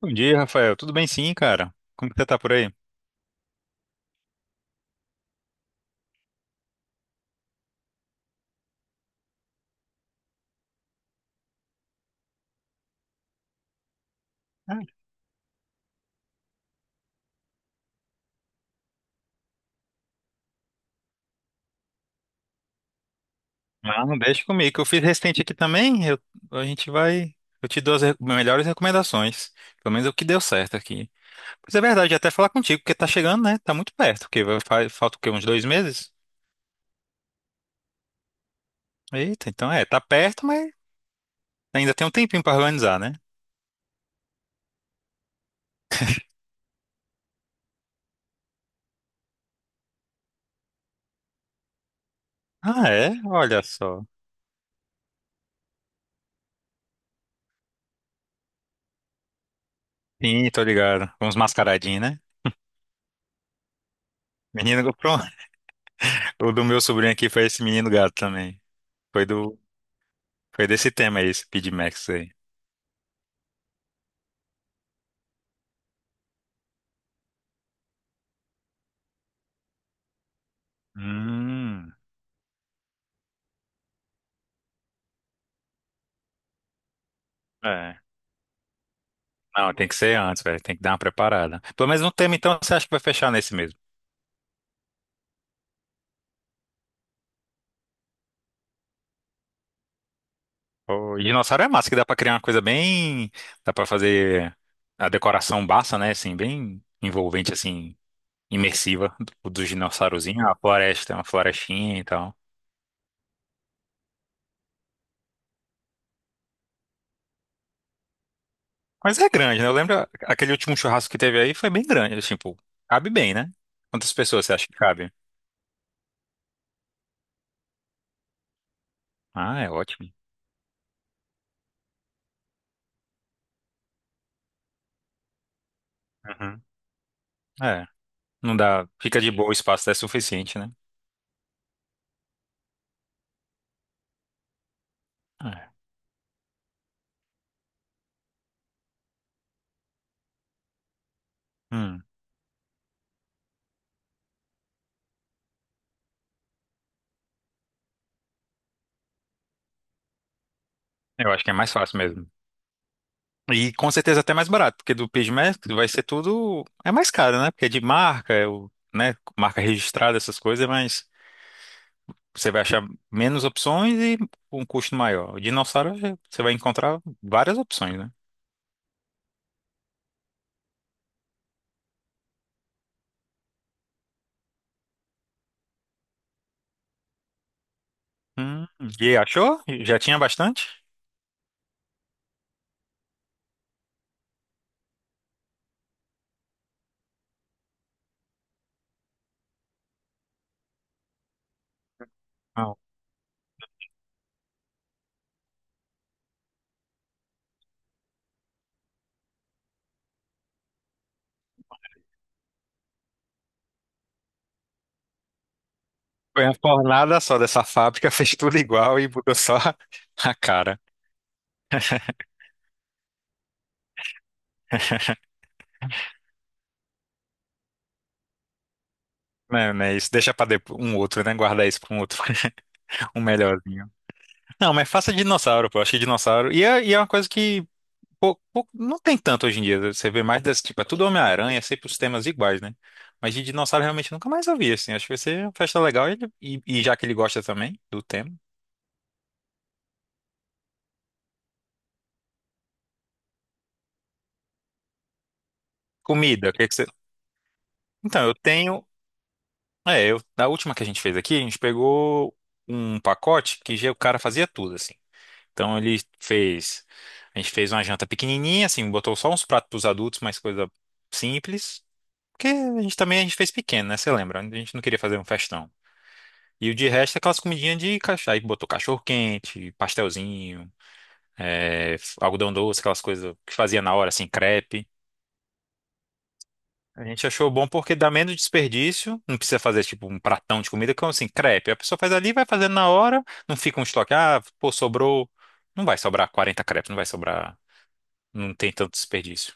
Bom dia, Rafael. Tudo bem sim, cara? Como que você tá por aí? Ah, não, deixa comigo. Que eu fiz recente aqui também. A gente vai. Eu te dou as melhores recomendações. Pelo menos é o que deu certo aqui. Mas é verdade, até falar contigo, porque tá chegando, né? Tá muito perto, porque falta o quê? Uns 2 meses? Eita, então é, tá perto, mas ainda tem um tempinho pra organizar, né? Ah, é? Olha só. Sim, tô ligado. Uns mascaradinhos, né? Menino, pronto. O do meu sobrinho aqui foi esse menino gato também. Foi do. Foi desse tema aí, esse PidMax. Hum, é. Não, tem que ser antes, velho. Tem que dar uma preparada. Pelo menos no tema, então, você acha que vai fechar nesse mesmo? O dinossauro é massa, que dá pra criar uma coisa bem. Dá pra fazer a decoração bassa, né? Assim, bem envolvente, assim, imersiva dos dinossaurozinhos. A floresta, uma florestinha e tal. Mas é grande, né? Eu lembro aquele último churrasco que teve aí foi bem grande. Tipo, cabe bem, né? Quantas pessoas você acha que cabe? Ah, é ótimo. Uhum. É. Não dá. Fica de boa, o espaço é suficiente, né? É. Hum. Eu acho que é mais fácil mesmo. E com certeza até mais barato, porque do Piggmestre vai ser tudo. É mais caro, né? Porque é de marca, é o, né? Marca registrada, essas coisas, mas você vai achar menos opções e um custo maior. O dinossauro você vai encontrar várias opções, né? Hum, e achou? Já tinha bastante? Não. Foi uma fornada só dessa fábrica, fez tudo igual e mudou só a cara. Não, não é isso. Deixa pra depois, um outro, né? Guardar isso pra um outro, um melhorzinho. Não, mas faça dinossauro, pô. Eu acho que dinossauro. E é uma coisa que não tem tanto hoje em dia. Você vê mais desse tipo, é tudo Homem-Aranha, sempre os temas iguais, né? Mas de dinossauro realmente nunca mais ouvi, assim. Acho que vai ser uma festa legal e já que ele gosta também do tema. Comida, o que que você. Então, eu tenho. É, eu, da última que a gente fez aqui, a gente pegou um pacote que já o cara fazia tudo, assim. Então ele fez. A gente fez uma janta pequenininha, assim, botou só uns pratos pros adultos, mais coisa simples. Porque a gente também a gente fez pequeno, né? Você lembra? A gente não queria fazer um festão. E o de resto é aquelas comidinhas de cachorro. Aí botou cachorro quente, pastelzinho, é, algodão doce, aquelas coisas que fazia na hora, assim, crepe. A gente achou bom porque dá menos desperdício, não precisa fazer tipo um pratão de comida, que é assim, crepe. A pessoa faz ali, vai fazendo na hora, não fica um estoque. Ah, pô, sobrou. Não vai sobrar 40 crepes, não vai sobrar. Não tem tanto desperdício.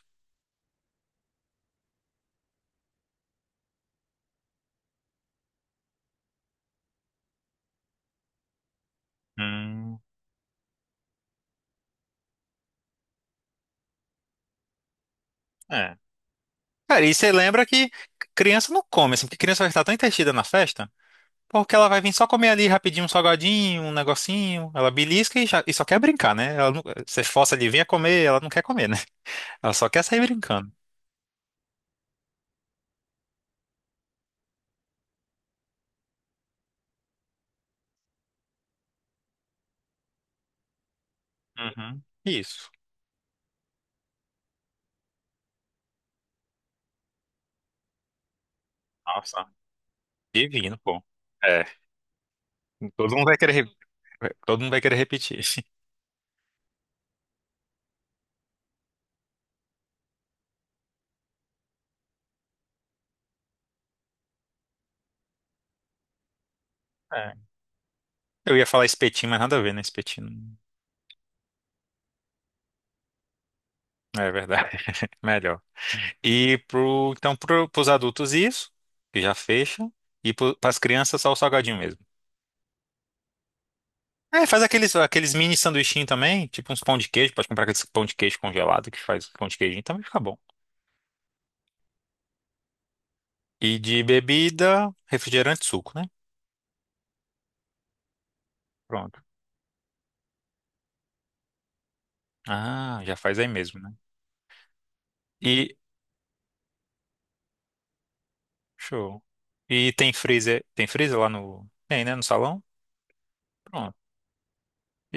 Hum, é. Cara, e você lembra que criança não come, assim, porque criança vai estar tão entretida na festa. Porque ela vai vir só comer ali rapidinho um salgadinho, um negocinho. Ela belisca e, e só quer brincar, né? Ela não- você força ali, venha comer, ela não quer comer, né? Ela só quer sair brincando. Uhum. Isso. Nossa, divino, pô. É. Todo mundo vai querer, repetir. É. Eu ia falar espetinho, mas nada a ver, né? Espetinho. É verdade. Melhor. E pros adultos isso, que já fecha. E para as crianças só o salgadinho mesmo. É, faz aqueles, aqueles mini sanduichinhos também, tipo uns pão de queijo, pode comprar aqueles pão de queijo congelado que faz pão de queijinho, também fica bom. E de bebida, refrigerante, e suco, né? Pronto. Ah, já faz aí mesmo, né? E, show. E tem freezer lá no, tem, né, no salão? Pronto.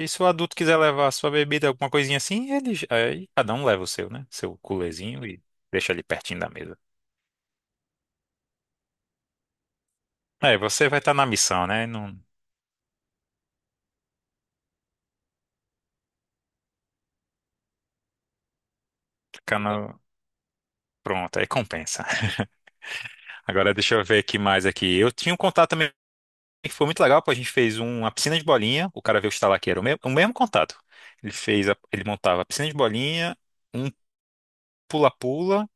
E se o adulto quiser levar a sua bebida, alguma coisinha assim, ele, aí cada um leva o seu, né? Seu culezinho e deixa ali pertinho da mesa. Aí você vai estar na missão, né? Não ficar no... Pronto, aí compensa. Agora deixa eu ver aqui mais aqui. Eu tinha um contato também que foi muito legal, pô. A gente fez uma piscina de bolinha. O cara veio instalar que era o mesmo contato. Ele fez, ele montava a piscina de bolinha, um pula-pula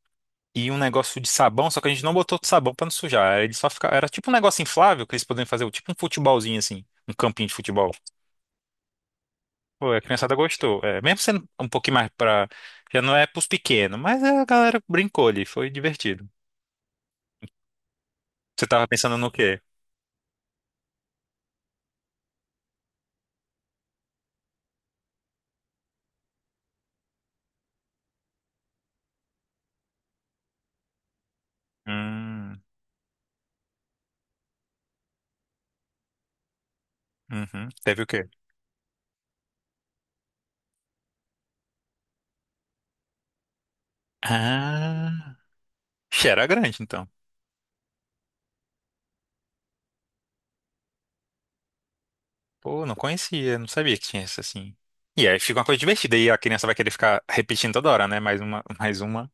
e um negócio de sabão, só que a gente não botou sabão pra não sujar. Ele só ficava, era tipo um negócio inflável que eles podiam fazer, tipo um futebolzinho assim, um campinho de futebol. Pô, a criançada gostou. É, mesmo sendo um pouquinho mais pra, já não é pros pequenos, mas a galera brincou ali, foi divertido. Você tava pensando no quê? Hum, uhum. Teve o quê? Ah, ixi, era grande então. Pô, não conhecia, não sabia que tinha isso assim. E aí fica uma coisa divertida e a criança vai querer ficar repetindo toda hora, né? Mais uma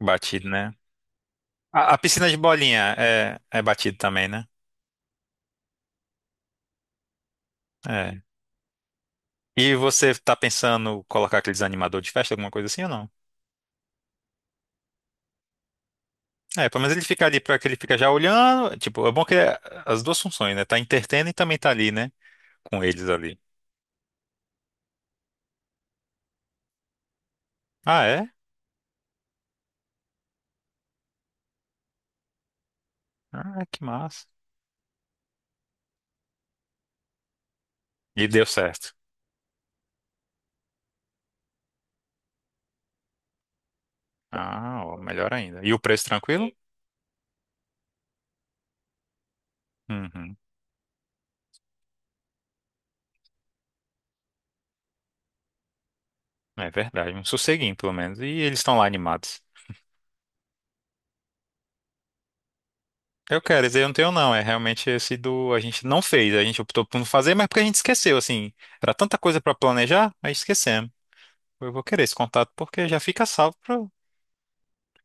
batida, né? A piscina de bolinha é, é batida também, né? É. E você tá pensando colocar aqueles animador de festa, alguma coisa assim ou não? É, pelo menos ele fica ali para que ele fica já olhando. Tipo, é bom que é as duas funções, né? Tá entretendo e também tá ali, né? Com eles ali. Ah, é? Ah, que massa. E deu certo. Ah, ó, melhor ainda. E o preço tranquilo? Uhum. É verdade, um sosseguinho pelo menos. E eles estão lá animados. Eu quero dizer, eu não tenho não, é realmente esse do a gente não fez, a gente optou por não fazer, mas porque a gente esqueceu, assim, era tanta coisa pra planejar, aí esquecemos. Eu vou querer esse contato porque já fica salvo para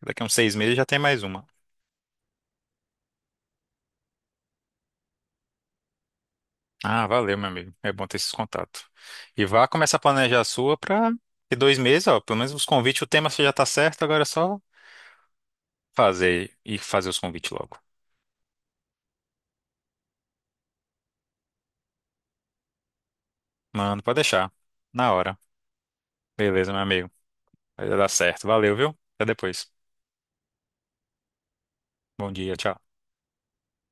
daqui a uns 6 meses já tem mais uma. Ah, valeu, meu amigo. É bom ter esses contatos. E vá começar a planejar a sua pra ter 2 meses, ó, pelo menos os convites, o tema você já tá certo, agora é só fazer e fazer os convites logo. Mano, pode deixar. Na hora. Beleza, meu amigo. Vai dar certo. Valeu, viu? Até depois. Bom dia, tchau.